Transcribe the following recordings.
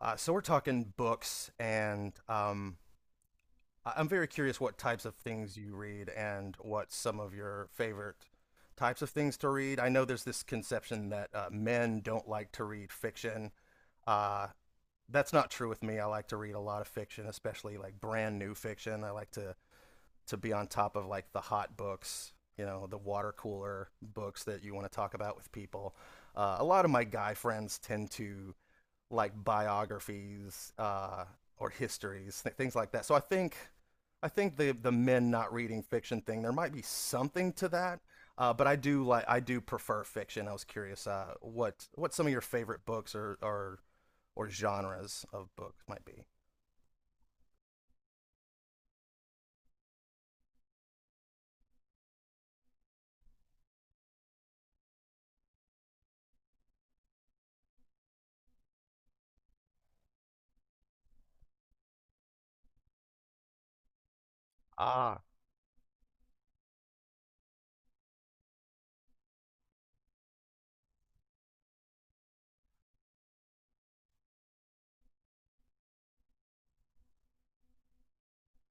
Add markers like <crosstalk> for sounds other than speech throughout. So we're talking books, and I am very curious what types of things you read and what some of your favorite types of things to read. I know there's this conception that men don't like to read fiction. Uh, that's not true with me. I like to read a lot of fiction, especially like brand new fiction. I like to be on top of like the hot books, the water cooler books that you want to talk about with people. A lot of my guy friends tend to like biographies, or histories, things like that. So I think the men not reading fiction thing, there might be something to that. But I do prefer fiction. I was curious what some of your favorite books or or genres of books might be. Ah.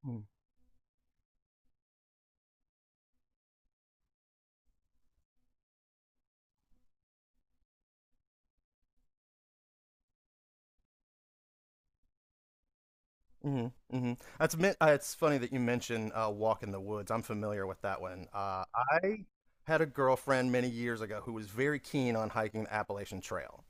Hmm, hmm. It's funny that you mention Walk in the Woods. I'm familiar with that one. I had a girlfriend many years ago who was very keen on hiking the Appalachian Trail.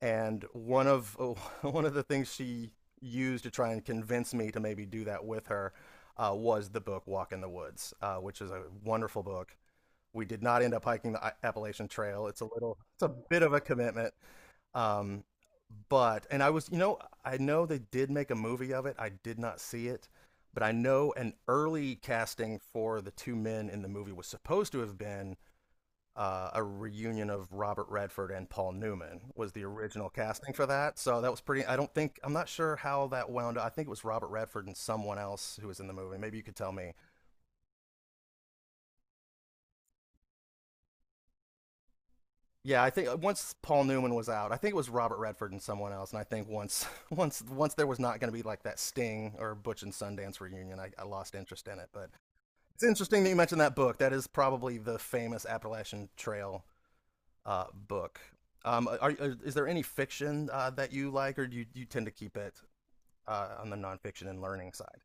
And one of <laughs> one of the things she used to try and convince me to maybe do that with her was the book Walk in the Woods, which is a wonderful book. We did not end up hiking the Appalachian Trail. It's a bit of a commitment. Um, but and I was, you know, I know they did make a movie of it. I did not see it, but I know an early casting for the two men in the movie was supposed to have been a reunion of Robert Redford and Paul Newman was the original casting for that. So that was pretty. I don't think. I'm not sure how that wound up. I think it was Robert Redford and someone else who was in the movie. Maybe you could tell me. Yeah, I think once Paul Newman was out, I think it was Robert Redford and someone else. And I think once <laughs> once once there was not going to be like that Sting or Butch and Sundance reunion. I lost interest in it. But it's interesting that you mentioned that book. That is probably the famous Appalachian Trail book. Um, are, is there any fiction that you like, or do you tend to keep it on the nonfiction and learning side?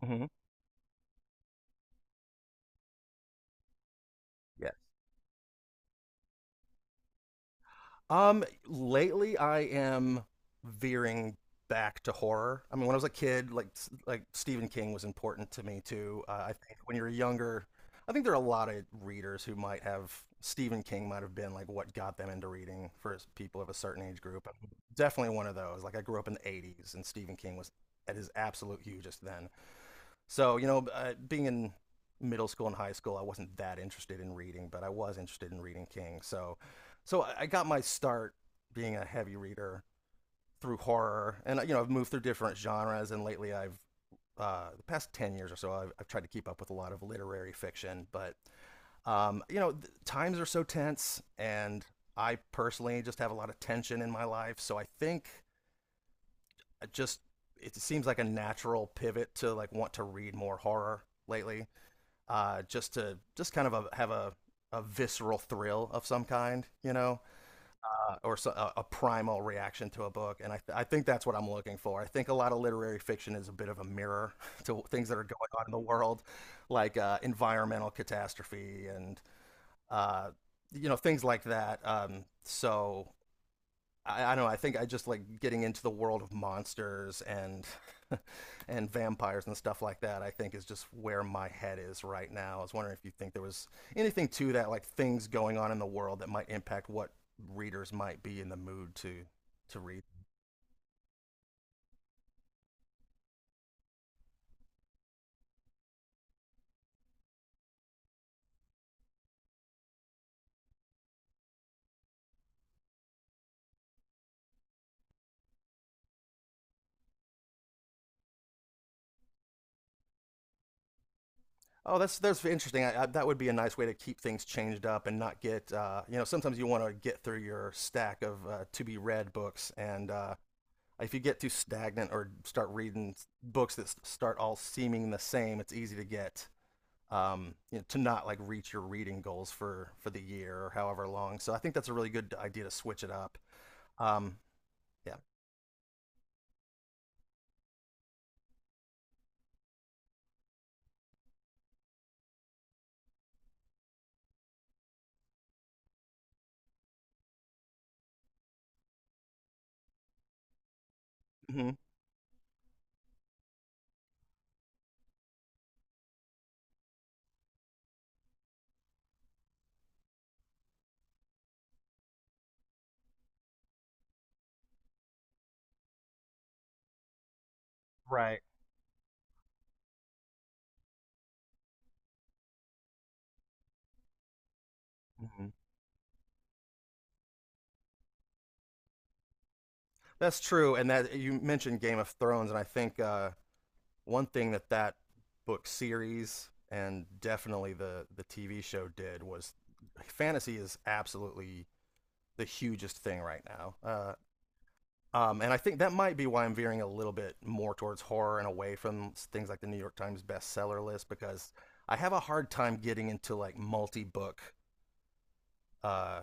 Hmm. Yeah. Lately I am veering back to horror. I mean, when I was a kid, like Stephen King was important to me too. I think when you're younger, I think there are a lot of readers who might have Stephen King might have been like what got them into reading for people of a certain age group. I'm definitely one of those. Like I grew up in the 80s and Stephen King was at his absolute hugest then. So, being in middle school and high school, I wasn't that interested in reading, but I was interested in reading King. So, I got my start being a heavy reader through horror. And I've moved through different genres, and lately I've the past 10 years or so, I've tried to keep up with a lot of literary fiction. But times are so tense, and I personally just have a lot of tension in my life. So I think I just it seems like a natural pivot to like want to read more horror lately, just to just kind of have a visceral thrill of some kind, a primal reaction to a book. And I think that's what I'm looking for. I think a lot of literary fiction is a bit of a mirror <laughs> to things that are going on in the world, like environmental catastrophe and, uh, things like that. So I don't know. I think I just like getting into the world of monsters and <laughs> and vampires and stuff like that. I think is just where my head is right now. I was wondering if you think there was anything to that, like things going on in the world that might impact what readers might be in the mood to read. Oh, that's interesting. That would be a nice way to keep things changed up and not get. Sometimes you want to get through your stack of to be read books and if you get too stagnant or start reading books that start all seeming the same, it's easy to get to not like reach your reading goals for the year or however long. So I think that's a really good idea to switch it up. Um, yeah. Hmm. Right. Hmm. That's true. And that you mentioned Game of Thrones, and I think one thing that book series and definitely the TV show did was fantasy is absolutely the hugest thing right now. And I think that might be why I'm veering a little bit more towards horror and away from things like the New York Times bestseller list, because I have a hard time getting into like multi-book uh,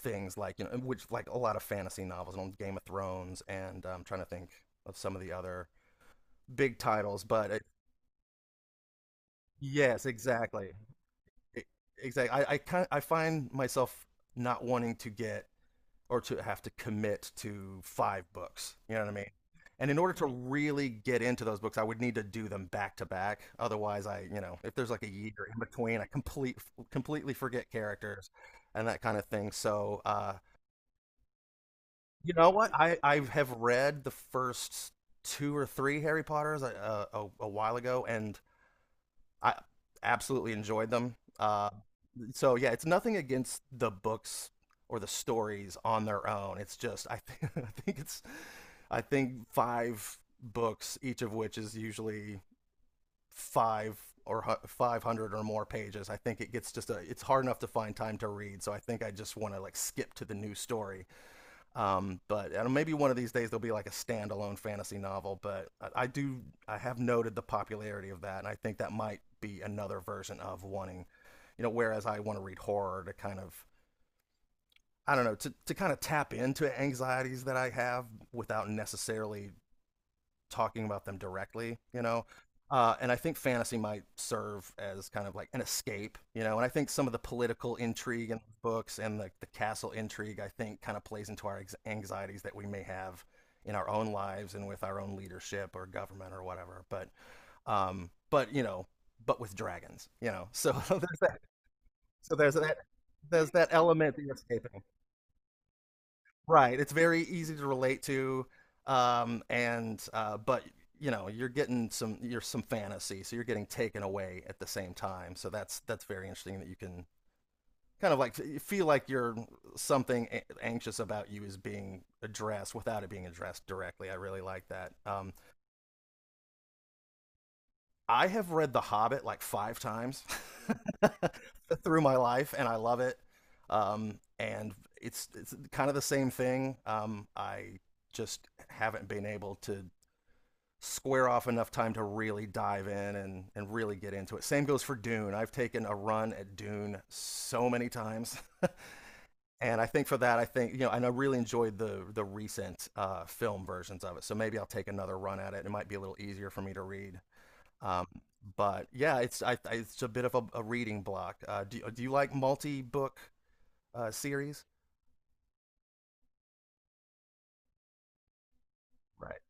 things like, which, like, a lot of fantasy novels and Game of Thrones. And I'm trying to think of some of the other big titles, but it... Yes, exactly. E- exactly. I find myself not wanting to get or to have to commit to five books. You know what I mean? And in order to really get into those books, I would need to do them back to back. Otherwise, if there's like a year in between, I completely forget characters and that kind of thing. So, you know what? I have read the first two or three Harry Potters a while ago, and I absolutely enjoyed them. So yeah, it's nothing against the books or the stories on their own. It's just I think <laughs> I think it's I think five books, each of which is usually 5 or 500 or more pages. I think it gets just a it's hard enough to find time to read. So I think I just want to like skip to the new story. Um, but I maybe one of these days there'll be like a standalone fantasy novel. But I have noted the popularity of that, and I think that might be another version of wanting, whereas I want to read horror to kind of, I don't know, to kind of tap into anxieties that I have without necessarily talking about them directly. And I think fantasy might serve as kind of like an escape. And I think some of the political intrigue in books and the castle intrigue, I think, kind of plays into our anxieties that we may have in our own lives and with our own leadership or government or whatever. Um, but you know, but with dragons, you know. So <laughs> there's that. So there's that. There's that element of escaping. Right. It's very easy to relate to, and but you know you're getting some, you're some fantasy, so you're getting taken away at the same time. So that's very interesting that you can kind of like feel like you're something anxious about you is being addressed without it being addressed directly. I really like that. I have read The Hobbit like five times <laughs> through my life, and I love it. And it's kind of the same thing. I just haven't been able to square off enough time to really dive in and, really get into it. Same goes for Dune. I've taken a run at Dune so many times. <laughs> And I think for that, I think, and I really enjoyed the recent film versions of it. So maybe I'll take another run at it. It might be a little easier for me to read. Um, but yeah, it's a bit of a reading block. Do you like multi book series? Right.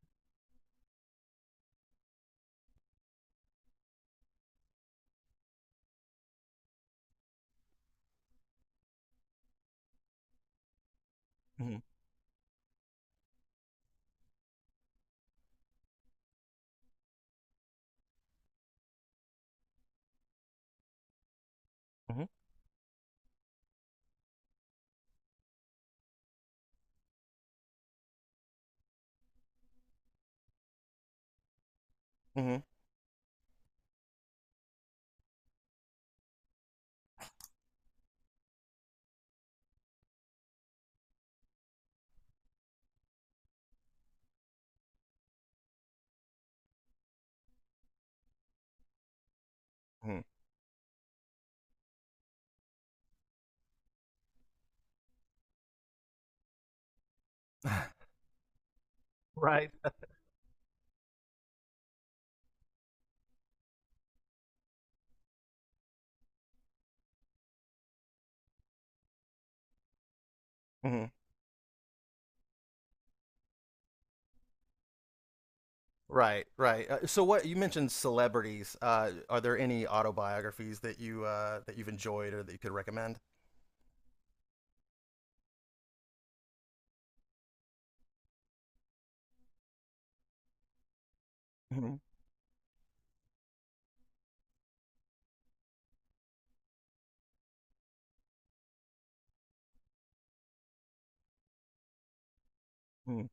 Mm-hmm. Mm-hmm. Mm-hmm. Hmm. Right. Hmm. Right. Right. So what you mentioned celebrities. Are there any autobiographies that you that you've enjoyed or that you could recommend? Hmm, hmm.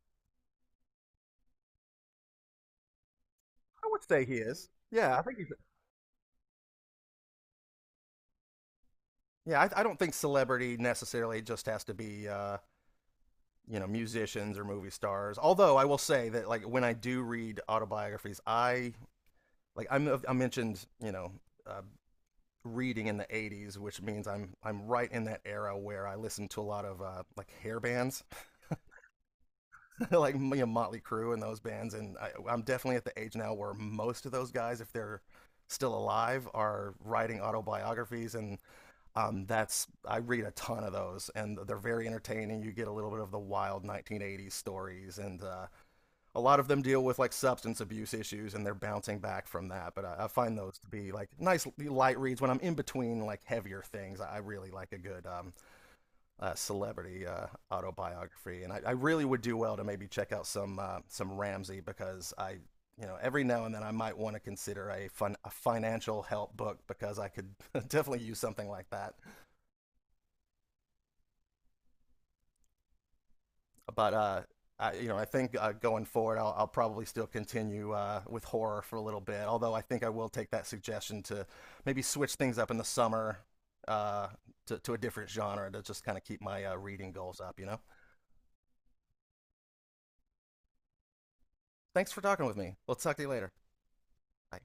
I would say he is. Yeah, I think he's. Yeah, I don't think celebrity necessarily just has to be musicians or movie stars. Although I will say that, like, when I do read autobiographies, I mentioned, uh, reading in the '80s, which means I'm right in that era where I listened to a lot of like hair bands, <laughs> like Motley Crue and those bands. And I'm definitely at the age now where most of those guys, if they're still alive, are writing autobiographies. And that's I read a ton of those, and they're very entertaining. You get a little bit of the wild 1980s stories. And a lot of them deal with like substance abuse issues, and they're bouncing back from that. But I find those to be like nice light reads when I'm in between like heavier things. I really like a good celebrity autobiography. And really would do well to maybe check out some Ramsey, because I, every now and then I might want to consider a fun a financial help book, because I could <laughs> definitely use something like that. But I think going forward, I'll probably still continue with horror for a little bit. Although I think I will take that suggestion to maybe switch things up in the summer, uh, to a different genre, to just kind of keep my reading goals up. You know. Thanks for talking with me. We'll talk to you later. Bye.